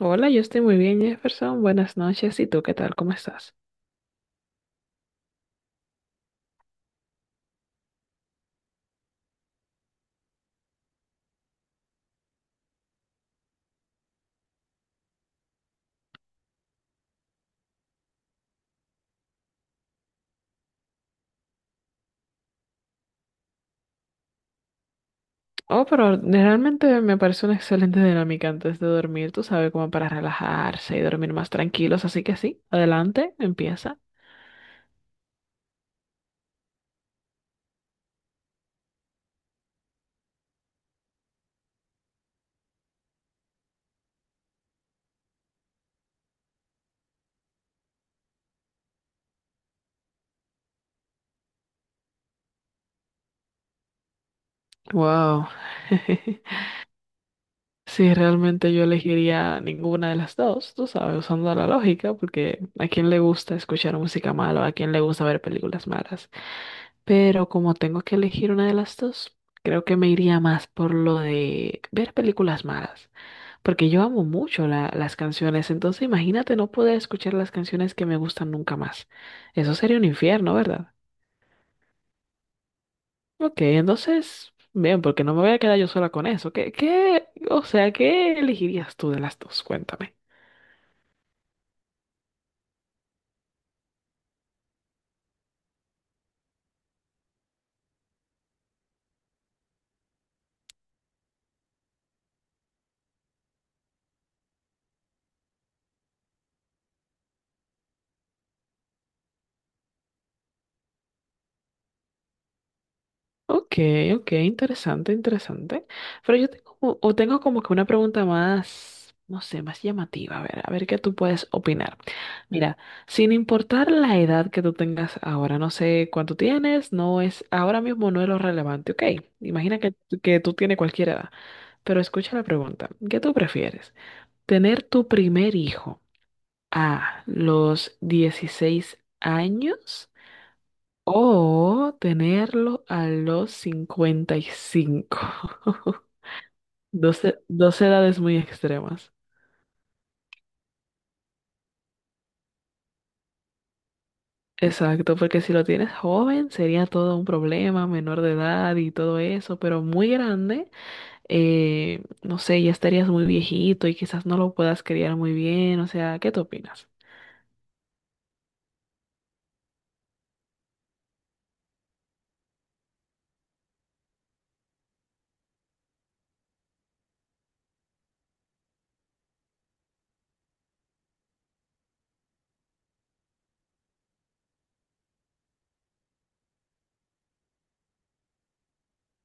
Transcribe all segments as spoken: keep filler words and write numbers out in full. Hola, yo estoy muy bien, Jefferson. Buenas noches. ¿Y tú qué tal? ¿Cómo estás? Oh, pero realmente me parece una excelente dinámica antes de dormir, tú sabes, como para relajarse y dormir más tranquilos. Así que sí, adelante, empieza. Wow. Sí, realmente yo elegiría ninguna de las dos, tú sabes, usando la lógica, porque a quién le gusta escuchar música mala, a quién le gusta ver películas malas. Pero como tengo que elegir una de las dos, creo que me iría más por lo de ver películas malas. Porque yo amo mucho la- las canciones, entonces imagínate no poder escuchar las canciones que me gustan nunca más. Eso sería un infierno, ¿verdad? Ok, entonces, bien, porque no me voy a quedar yo sola con eso. ¿Qué, qué, o sea, ¿qué elegirías tú de las dos? Cuéntame. Ok, ok, interesante, interesante. Pero yo tengo, como- o tengo como que una pregunta más, no sé, más llamativa. A ver, a ver qué tú puedes opinar. Mira, sin importar la edad que tú tengas ahora, no sé cuánto tienes, no es, ahora mismo no es lo relevante, ok. Imagina que, que tú tienes cualquier edad, pero escucha la pregunta, ¿qué tú prefieres? ¿Tener tu primer hijo a los dieciséis años o tenerlo a los cincuenta y cinco? Dos, e- dos edades muy extremas. Exacto, porque si lo tienes joven sería todo un problema, menor de edad y todo eso, pero muy grande, eh, no sé, ya estarías muy viejito y quizás no lo puedas criar muy bien, o sea, ¿qué tú opinas?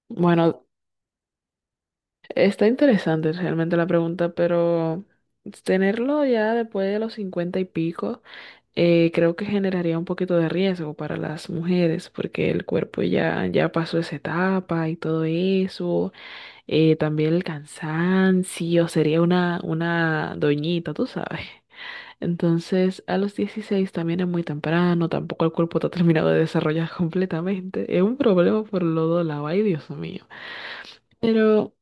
Bueno, está interesante realmente la pregunta, pero tenerlo ya después de los cincuenta y pico, eh, creo que generaría un poquito de riesgo para las mujeres, porque el cuerpo ya, ya pasó esa etapa y todo eso. Eh, también el cansancio, sería una, una doñita, tú sabes. Entonces, a los dieciséis también es muy temprano, tampoco el cuerpo está terminado de desarrollar completamente. Es un problema por los dos lados, ay Dios mío. Pero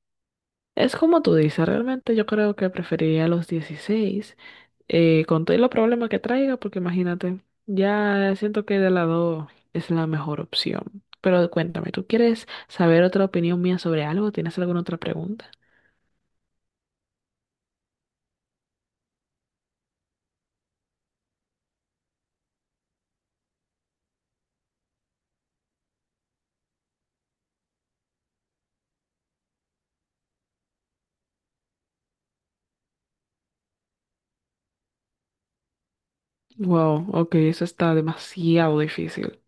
es como tú dices, realmente yo creo que preferiría los dieciséis eh, con todos los problemas que traiga, porque imagínate, ya siento que de lado es la mejor opción. Pero cuéntame, ¿tú quieres saber otra opinión mía sobre algo? ¿Tienes alguna otra pregunta? Wow, ok, eso está demasiado difícil.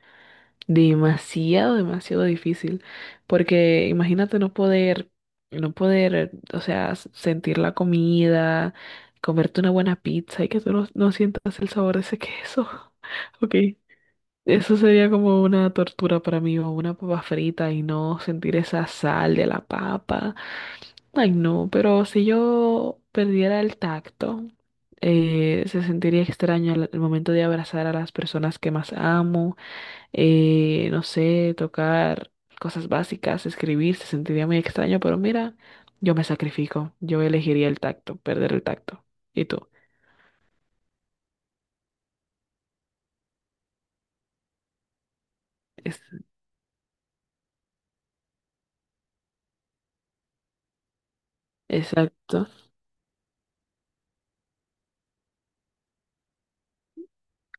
Demasiado, demasiado difícil. Porque imagínate no poder, no poder, o sea, s- sentir la comida, comerte una buena pizza y que tú no, no sientas el sabor de ese queso. Ok, eso sería como una tortura para mí, o una papa frita y no sentir esa sal de la papa. Ay, no, pero si yo perdiera el tacto, eh, se sentiría extraño al, al momento de abrazar a las personas que más amo, eh, no sé, tocar cosas básicas, escribir, se sentiría muy extraño, pero mira, yo me sacrifico, yo elegiría el tacto, perder el tacto. ¿Y tú? Es- exacto.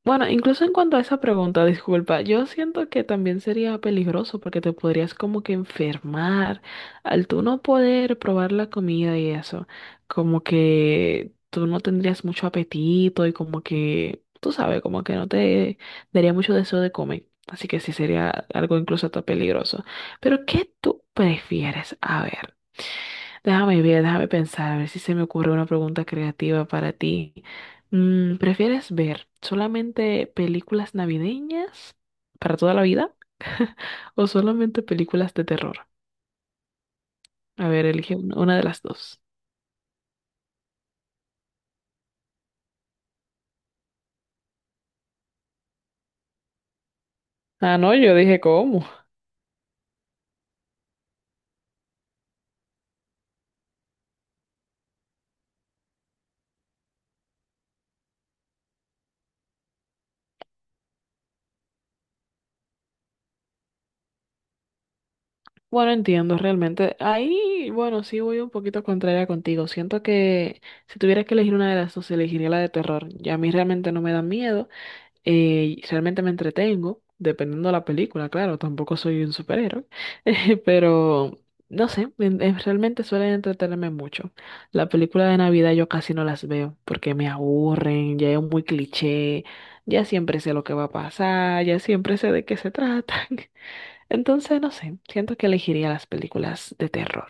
Bueno, incluso en cuanto a esa pregunta, disculpa, yo siento que también sería peligroso porque te podrías como que enfermar al tú no poder probar la comida y eso, como que tú no tendrías mucho apetito y como que, tú sabes, como que no te daría mucho deseo de comer. Así que sí sería algo incluso hasta peligroso. Pero ¿qué tú prefieres? A ver. Déjame ver, déjame pensar, a ver si se me ocurre una pregunta creativa para ti. Mm, ¿prefieres ver solamente películas navideñas para toda la vida o solamente películas de terror? A ver, elige un- una de las dos. Ah, no, yo dije, ¿cómo? Bueno, entiendo, realmente. Ahí, bueno, sí voy un poquito contraria contigo. Siento que si tuviera que elegir una de las dos, elegiría la de terror. Ya a mí realmente no me da miedo. Eh, realmente me entretengo, dependiendo de la película, claro, tampoco soy un superhéroe, eh, pero no sé, en- en- realmente suelen entretenerme mucho. La película de Navidad yo casi no las veo porque me aburren, ya es muy cliché, ya siempre sé lo que va a pasar, ya siempre sé de qué se tratan. Entonces, no sé, siento que elegiría las películas de terror.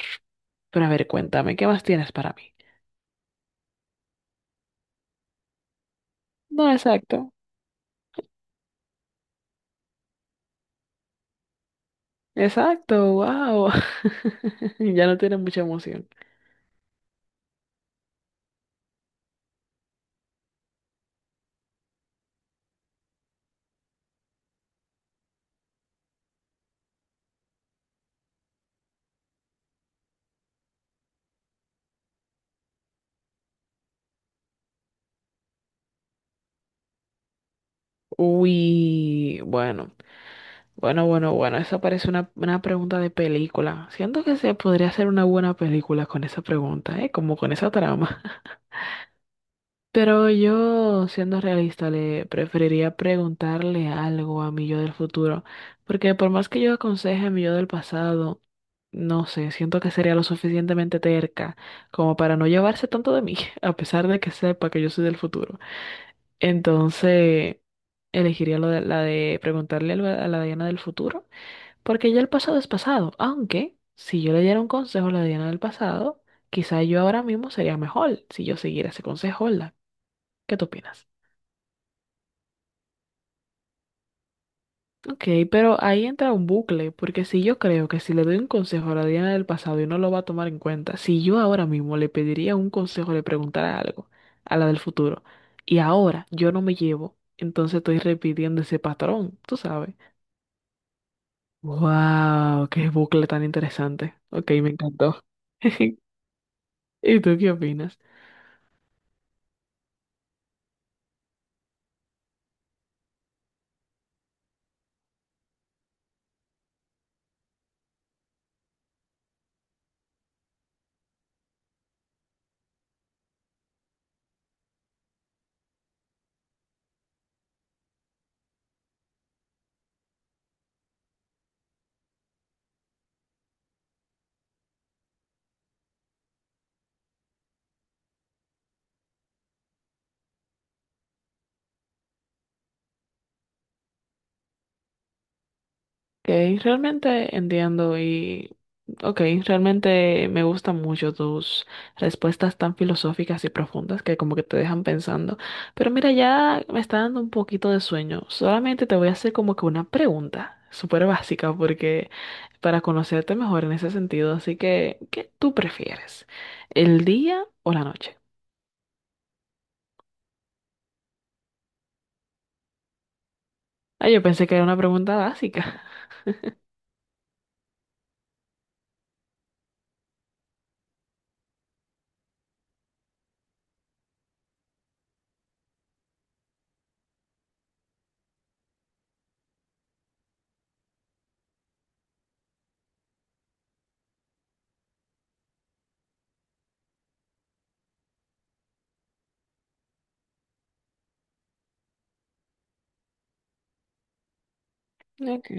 Pero a ver, cuéntame, ¿qué más tienes para mí? No, exacto. Exacto, wow. Ya no tiene mucha emoción. Uy, bueno, bueno, bueno, bueno, esa parece una, una pregunta de película. Siento que se podría hacer una buena película con esa pregunta, ¿eh? Como con esa trama. Pero yo, siendo realista, le preferiría preguntarle algo a mi yo del futuro, porque por más que yo aconseje a mi yo del pasado, no sé, siento que sería lo suficientemente terca como para no llevarse tanto de mí, a pesar de que sepa que yo soy del futuro. Entonces, elegiría lo de- la de preguntarle algo a la Diana del futuro, porque ya el pasado es pasado. Aunque, si yo le diera un consejo a la Diana del pasado, quizá yo ahora mismo sería mejor si yo siguiera ese consejo, ¿verdad? ¿Qué tú opinas? Ok, pero ahí entra un bucle, porque si yo creo que si le doy un consejo a la Diana del pasado y no lo va a tomar en cuenta, si yo ahora mismo le pediría un consejo, le preguntara algo a la del futuro, y ahora yo no me llevo, entonces estoy repitiendo ese patrón, tú sabes. Wow, qué bucle tan interesante. Ok, me encantó. ¿Y tú qué opinas? Ok, realmente entiendo y ok, realmente me gustan mucho tus respuestas tan filosóficas y profundas que como que te dejan pensando. Pero mira, ya me está dando un poquito de sueño. Solamente te voy a hacer como que una pregunta súper básica porque para conocerte mejor en ese sentido. Así que, ¿qué tú prefieres? ¿El día o la noche? Ah, yo pensé que era una pregunta básica. Ok.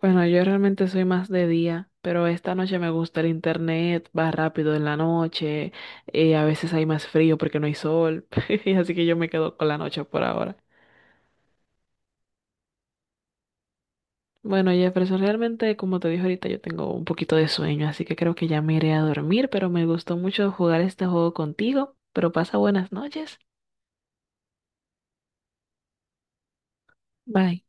Bueno, yo realmente soy más de día, pero esta noche me gusta el internet, va rápido en la noche, eh, a veces hay más frío porque no hay sol, y así que yo me quedo con la noche por ahora. Bueno, Jefferson, realmente, como te dije ahorita, yo tengo un poquito de sueño, así que creo que ya me iré a dormir, pero me gustó mucho jugar este juego contigo, pero pasa buenas noches. Bye.